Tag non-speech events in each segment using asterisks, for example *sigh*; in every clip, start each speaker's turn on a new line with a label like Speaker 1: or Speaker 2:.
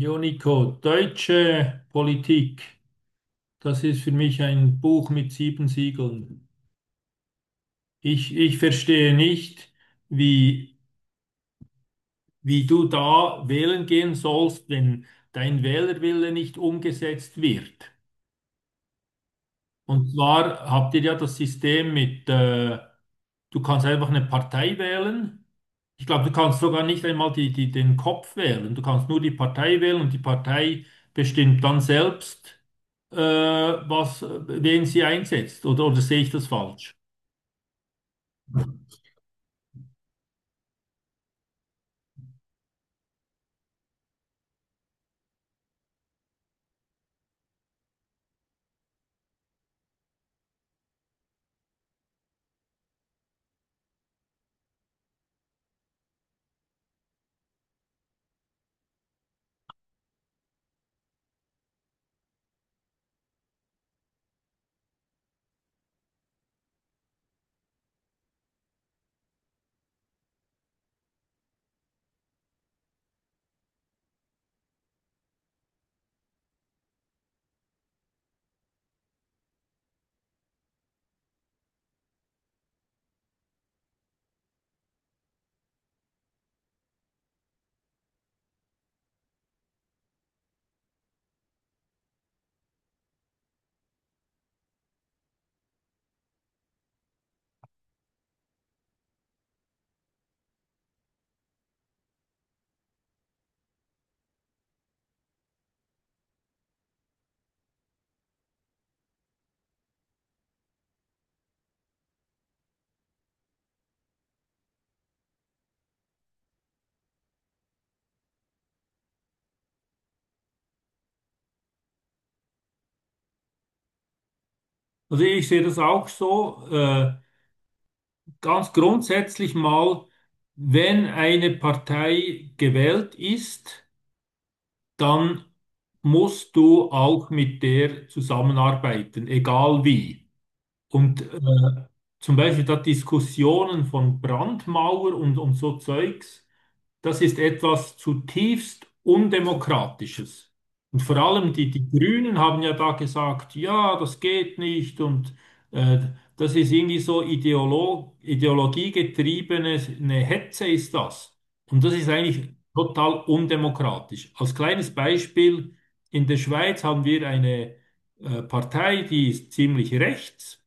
Speaker 1: Jo, Nico, deutsche Politik, das ist für mich ein Buch mit sieben Siegeln. Ich verstehe nicht, wie, wie du da wählen gehen sollst, wenn dein Wählerwille nicht umgesetzt wird. Und zwar habt ihr ja das System mit, du kannst einfach eine Partei wählen. Ich glaube, du kannst sogar nicht einmal den Kopf wählen. Du kannst nur die Partei wählen und die Partei bestimmt dann selbst, wen sie einsetzt. Oder sehe ich das falsch? Also ich sehe das auch so, ganz grundsätzlich mal, wenn eine Partei gewählt ist, dann musst du auch mit der zusammenarbeiten, egal wie. Und zum Beispiel da Diskussionen von Brandmauer und so Zeugs, das ist etwas zutiefst Undemokratisches. Und vor allem die Grünen haben ja da gesagt, ja, das geht nicht und äh, das ist irgendwie so ideologiegetriebene eine Hetze ist das. Und das ist eigentlich total undemokratisch. Als kleines Beispiel, in der Schweiz haben wir eine Partei, die ist ziemlich rechts.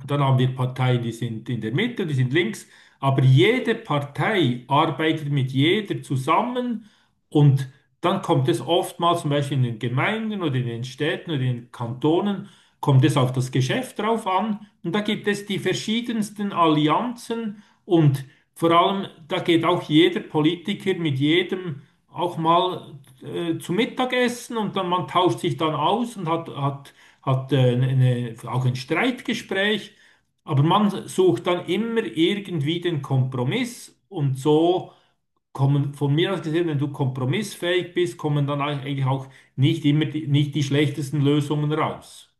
Speaker 1: Und dann haben wir Parteien, die sind in der Mitte, die sind links, aber jede Partei arbeitet mit jeder zusammen und dann kommt es oftmals zum Beispiel in den Gemeinden oder in den Städten oder in den Kantonen kommt es auf das Geschäft drauf an. Und da gibt es die verschiedensten Allianzen und vor allem, da geht auch jeder Politiker mit jedem auch mal zu Mittagessen und dann man tauscht sich dann aus und hat eine, auch ein Streitgespräch. Aber man sucht dann immer irgendwie den Kompromiss und so kommen von mir aus gesehen, wenn du kompromissfähig bist, kommen dann eigentlich auch nicht immer nicht die schlechtesten Lösungen raus.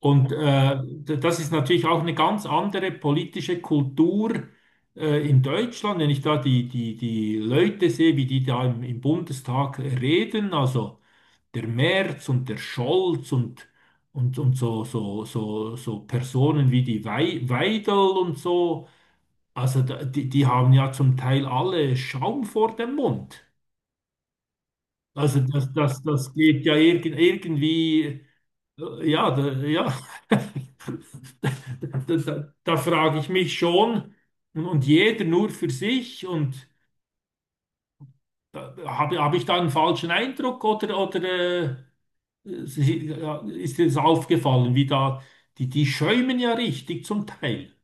Speaker 1: Und das ist natürlich auch eine ganz andere politische Kultur in Deutschland, wenn ich da die Leute sehe, wie die da im Bundestag reden, also der Merz und der Scholz und so, Personen wie die Weidel und so, also da, die haben ja zum Teil alle Schaum vor dem Mund. Also das geht ja irgendwie. Ja, da, ja. *laughs* Da, da da frage ich mich schon, und jeder nur für sich, und da, da habe ich da einen falschen Eindruck oder ja, ist dir das aufgefallen, wie da, die schäumen ja richtig zum Teil.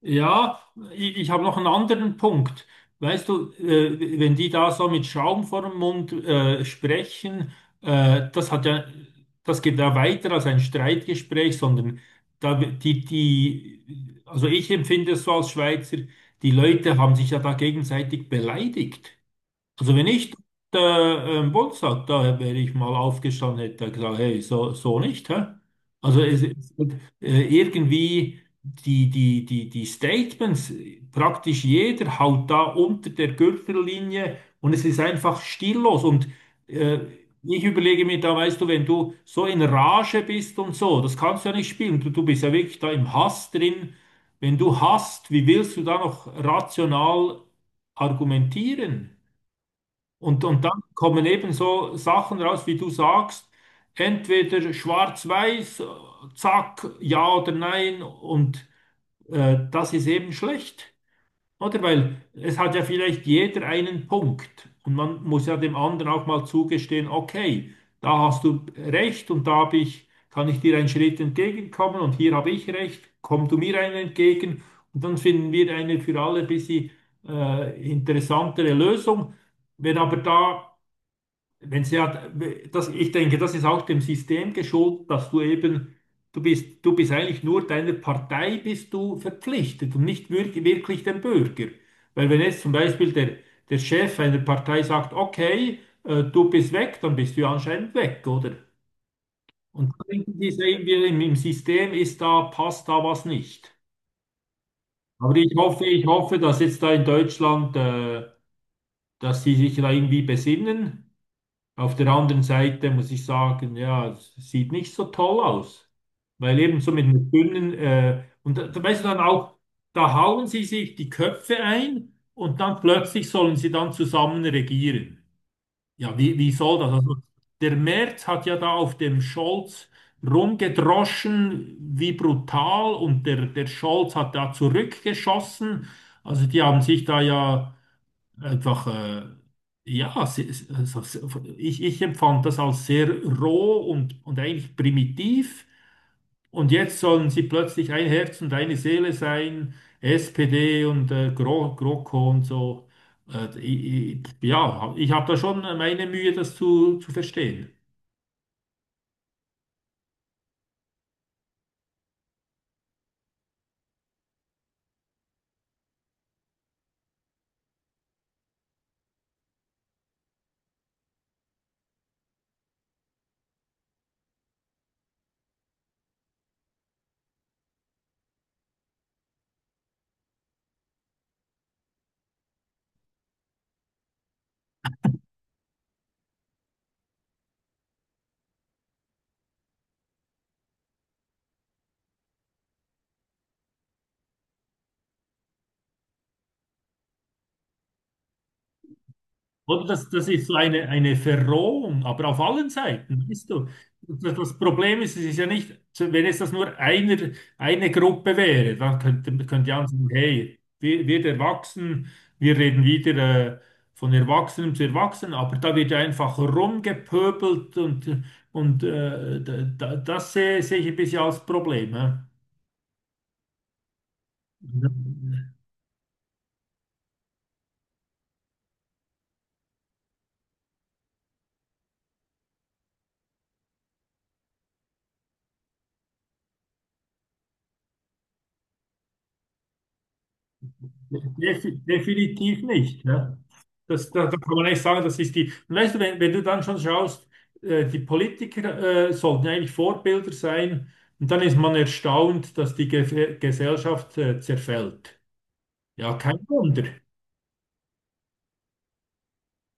Speaker 1: Ja, ich habe noch einen anderen Punkt. Weißt du, wenn die da so mit Schaum vor dem Mund sprechen, das hat ja, das geht ja weiter als ein Streitgespräch, sondern da, also ich empfinde es so als Schweizer, die Leute haben sich ja da gegenseitig beleidigt. Also wenn ich der Bundestag da wäre ich mal aufgestanden, hätte gesagt, hey, so, so nicht, hä? Also es wird, irgendwie die Statements, praktisch jeder haut da unter der Gürtellinie und es ist einfach stillos. Und äh, ich überlege mir da, weißt du, wenn du so in Rage bist und so, das kannst du ja nicht spielen. Du bist ja wirklich da im Hass drin. Wenn du hasst, wie willst du da noch rational argumentieren? Und dann kommen eben so Sachen raus, wie du sagst, entweder schwarz-weiß, zack, ja oder nein, und das ist eben schlecht, oder? Weil es hat ja vielleicht jeder einen Punkt und man muss ja dem anderen auch mal zugestehen, okay, da hast du recht und da kann ich dir einen Schritt entgegenkommen und hier habe ich recht, komm du mir einen entgegen und dann finden wir eine für alle ein bisschen interessantere Lösung. Wenn aber da wenn sie hat, das, ich denke, das ist auch dem System geschuldet, dass du eben, du bist eigentlich nur deiner Partei bist du verpflichtet und nicht wirklich dem Bürger. Weil wenn jetzt zum Beispiel der Chef einer Partei sagt, okay, du bist weg, dann bist du ja anscheinend weg, oder? Und irgendwie sehen wir im System ist da, passt da was nicht. Aber ich hoffe, dass jetzt da in Deutschland, dass sie sich da irgendwie besinnen. Auf der anderen Seite muss ich sagen, ja, es sieht nicht so toll aus, weil eben so mit einer dünnen, und da, da weißt du dann auch, da hauen sie sich die Köpfe ein und dann plötzlich sollen sie dann zusammen regieren. Ja, wie, wie soll das? Also, der Merz hat ja da auf dem Scholz rumgedroschen, wie brutal, und der Scholz hat da zurückgeschossen. Also die haben sich da ja einfach, ja, se- se- also se- ich empfand das als sehr roh und eigentlich primitiv. Und jetzt sollen sie plötzlich ein Herz und eine Seele sein, SPD und GroKo und so. Ja, ich habe da schon meine Mühe, das zu verstehen. Oder das ist so eine Verrohung, aber auf allen Seiten, weißt du. Das das Problem ist, es ist ja nicht, wenn es das nur einer, eine Gruppe wäre, dann könnte ja sagen, hey, wir Erwachsenen, wir reden wieder äh, von Erwachsenen zu Erwachsenen, aber da wird ja einfach rumgepöbelt und das sehe ich ein bisschen als Problem. Ja? Definitiv nicht. Ja? Das, das, da kann man echt sagen, das ist die. Und weißt du, wenn, wenn du dann schon schaust, die Politiker sollten ja eigentlich Vorbilder sein, und dann ist man erstaunt, dass die Ge Gesellschaft zerfällt. Ja, kein Wunder.